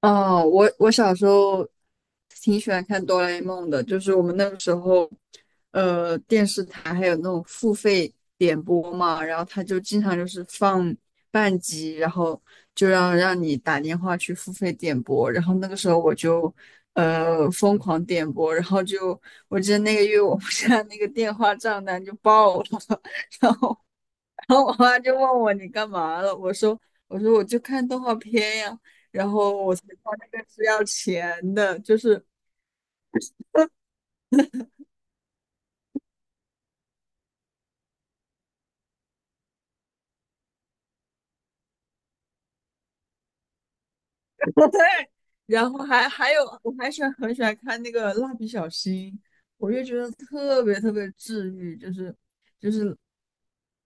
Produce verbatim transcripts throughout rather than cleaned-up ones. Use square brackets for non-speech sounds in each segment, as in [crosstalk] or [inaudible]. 哦，我我小时候挺喜欢看哆啦 A 梦的，就是我们那个时候，呃，电视台还有那种付费点播嘛，然后他就经常就是放半集，然后就让让你打电话去付费点播，然后那个时候我就呃疯狂点播，然后就我记得那个月我们家那个电话账单就爆了，[laughs] 然后我妈就问我你干嘛了，我说我说我就看动画片呀，然后我才知道那个是要钱的，就是，然后还还有我还喜欢很喜欢看那个蜡笔小新，我就觉得特别特别治愈，就是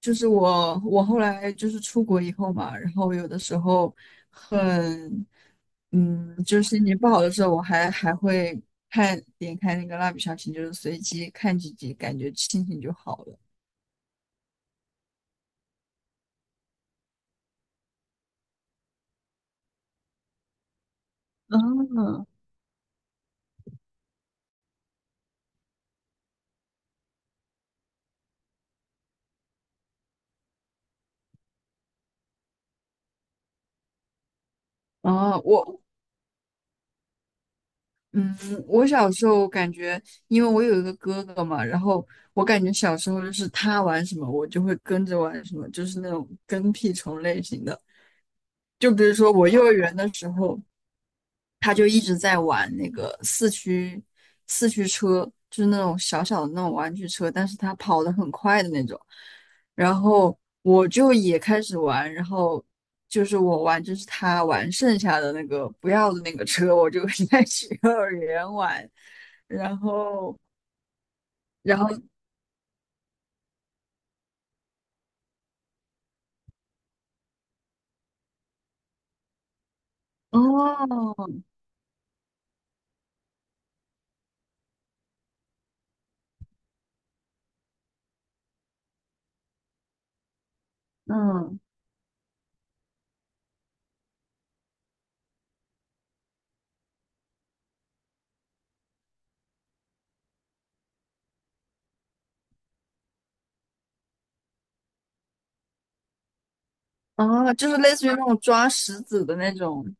就是我我后来就是出国以后嘛，然后有的时候很嗯，就是心情不好的时候，我还还会看点开那个蜡笔小新，就是随机看几集，感觉心情就好了。嗯。哦，我嗯，我小时候感觉，因为我有一个哥哥嘛，然后我感觉小时候就是他玩什么，我就会跟着玩什么，就是那种跟屁虫类型的。就比如说我幼儿园的时候，他就一直在玩那个四驱四驱车，就是那种小小的那种玩具车，但是他跑得很快的那种。然后我就也开始玩，然后就是我玩，就是他玩剩下的那个不要的那个车，我就 [laughs] 在幼儿园玩。然后，然后哦，嗯，哦，就是类似于那种抓石子的那种。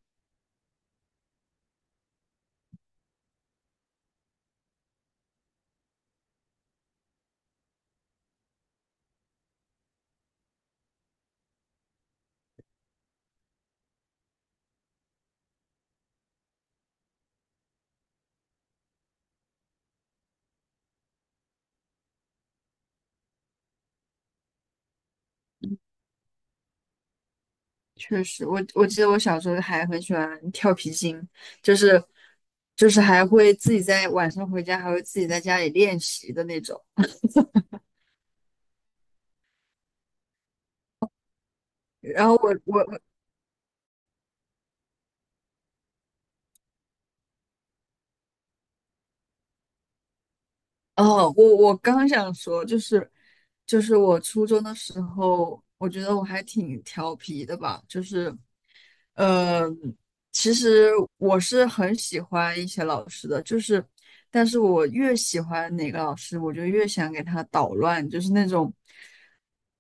确实，我我记得我小时候还很喜欢跳皮筋，就是就是还会自己在晚上回家，还会自己在家里练习的那种。然后我我哦，我我刚想说，就是就是我初中的时候，我觉得我还挺调皮的吧，就是呃，其实我是很喜欢一些老师的，就是但是我越喜欢哪个老师，我就越想给他捣乱，就是那种。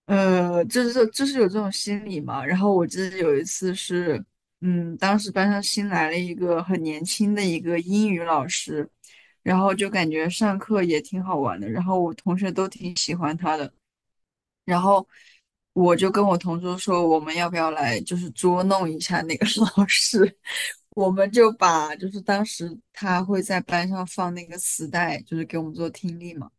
呃，就是就是有这种心理嘛。然后我记得有一次是，嗯，当时班上新来了一个很年轻的一个英语老师，然后就感觉上课也挺好玩的，然后我同学都挺喜欢他的，然后我就跟我同桌说，我们要不要来就是捉弄一下那个 [laughs] 老师。我们就把就是当时他会在班上放那个磁带，就是给我们做听力嘛。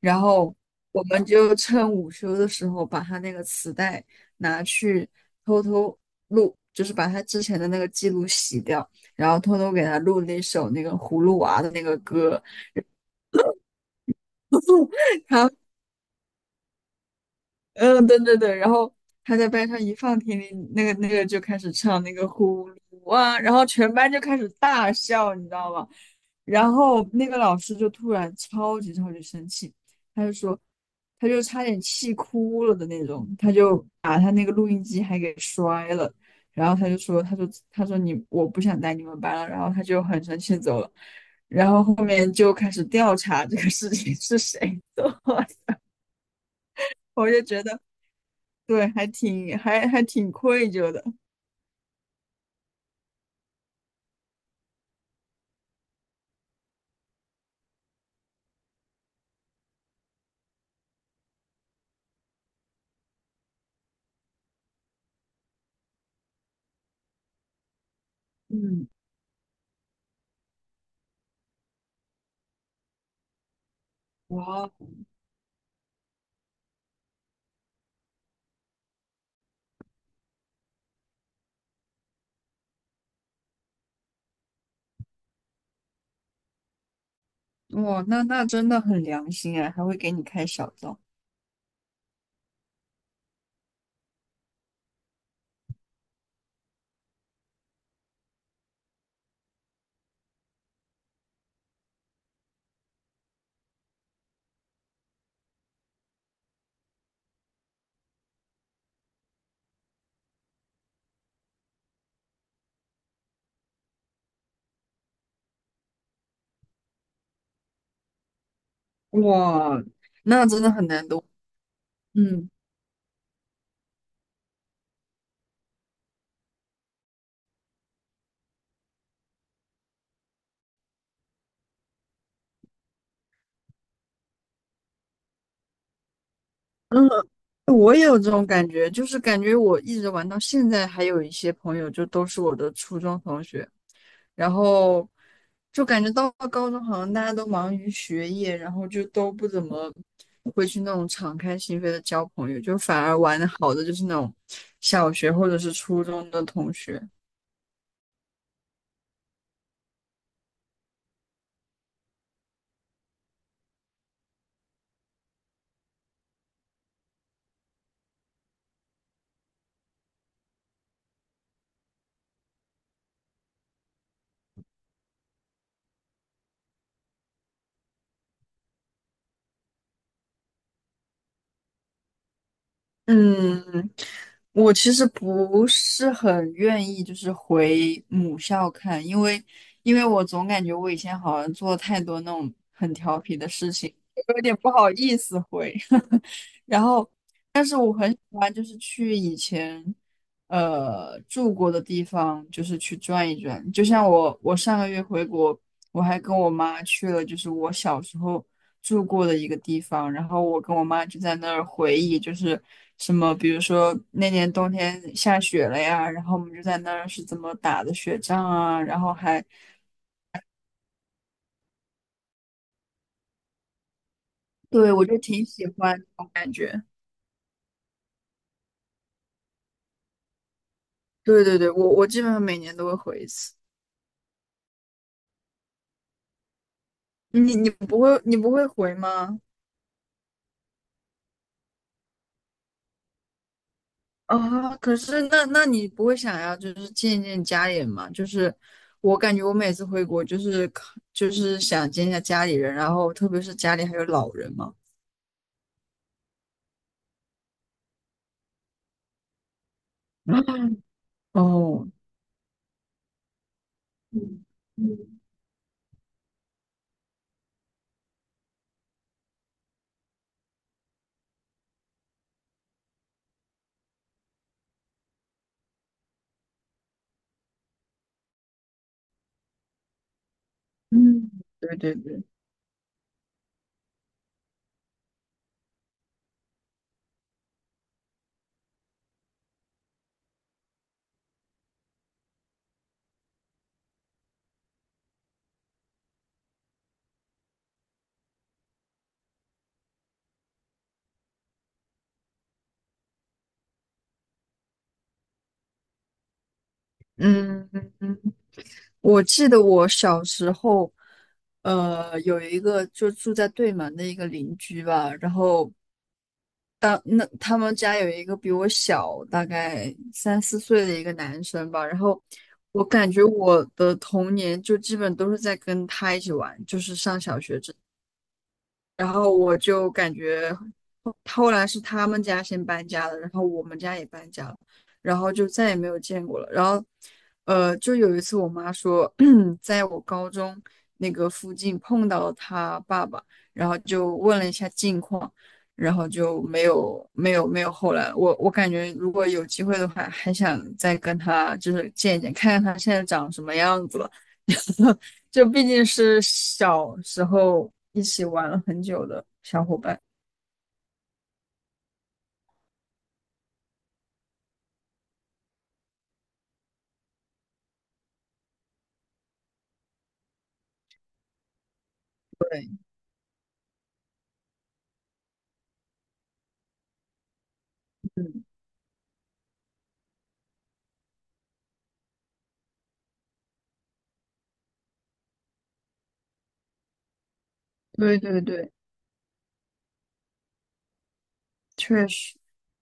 然后我们就趁午休的时候把他那个磁带拿去偷偷录，就是把他之前的那个记录洗掉，然后偷偷给他录那首那个葫芦娃的那个歌。[laughs] 嗯，对对对，然后他在班上一放听力，那个那个就开始唱那个呼噜啊，然后全班就开始大笑，你知道吗？然后那个老师就突然超级超级生气，他就说，他就差点气哭了的那种，他就把他那个录音机还给摔了，然后他就说，他说他说你我不想带你们班了，然后他就很生气地走了，然后后面就开始调查这个事情是谁做的，[laughs] 我就觉得。对，还挺还还挺愧疚的。嗯。哇。哇，那那真的很良心哎，还会给你开小灶。哇，那真的很难得。嗯。嗯，我也有这种感觉，就是感觉我一直玩到现在，还有一些朋友就都是我的初中同学，然后就感觉到了高中好像大家都忙于学业，然后就都不怎么会去那种敞开心扉的交朋友，就反而玩的好的就是那种小学或者是初中的同学。嗯，我其实不是很愿意，就是回母校看，因为因为我总感觉我以前好像做了太多那种很调皮的事情，[laughs] 我有点不好意思回。[laughs] 然后，但是我很喜欢就是去以前呃住过的地方，就是去转一转。就像我我上个月回国，我还跟我妈去了，就是我小时候。住过的一个地方，然后我跟我妈就在那儿回忆，就是什么，比如说那年冬天下雪了呀，然后我们就在那儿是怎么打的雪仗啊，然后还，对，我就挺喜欢这种感觉。对对对，我我基本上每年都会回一次。你你不会你不会回吗？啊，可是那那你不会想要就是见见家里人吗？就是我感觉我每次回国就是就是想见一下家里人，然后特别是家里还有老人嘛。[laughs] 哦，嗯。嗯。嗯，对对对，嗯，我记得我小时候，呃，有一个就住在对门的一个邻居吧，然后当那他们家有一个比我小大概三四岁的一个男生吧，然后我感觉我的童年就基本都是在跟他一起玩，就是上小学这，然后我就感觉后来是他们家先搬家了，然后我们家也搬家了，然后就再也没有见过了。然后，呃，就有一次我妈说，[clears throat] 在我高中那个附近碰到了他爸爸，然后就问了一下近况，然后就没有没有没有后来。我我感觉如果有机会的话，还想再跟他就是见一见，看看他现在长什么样子了。[laughs] 就毕竟是小时候一起玩了很久的小伙伴。对。嗯。对对对，确实。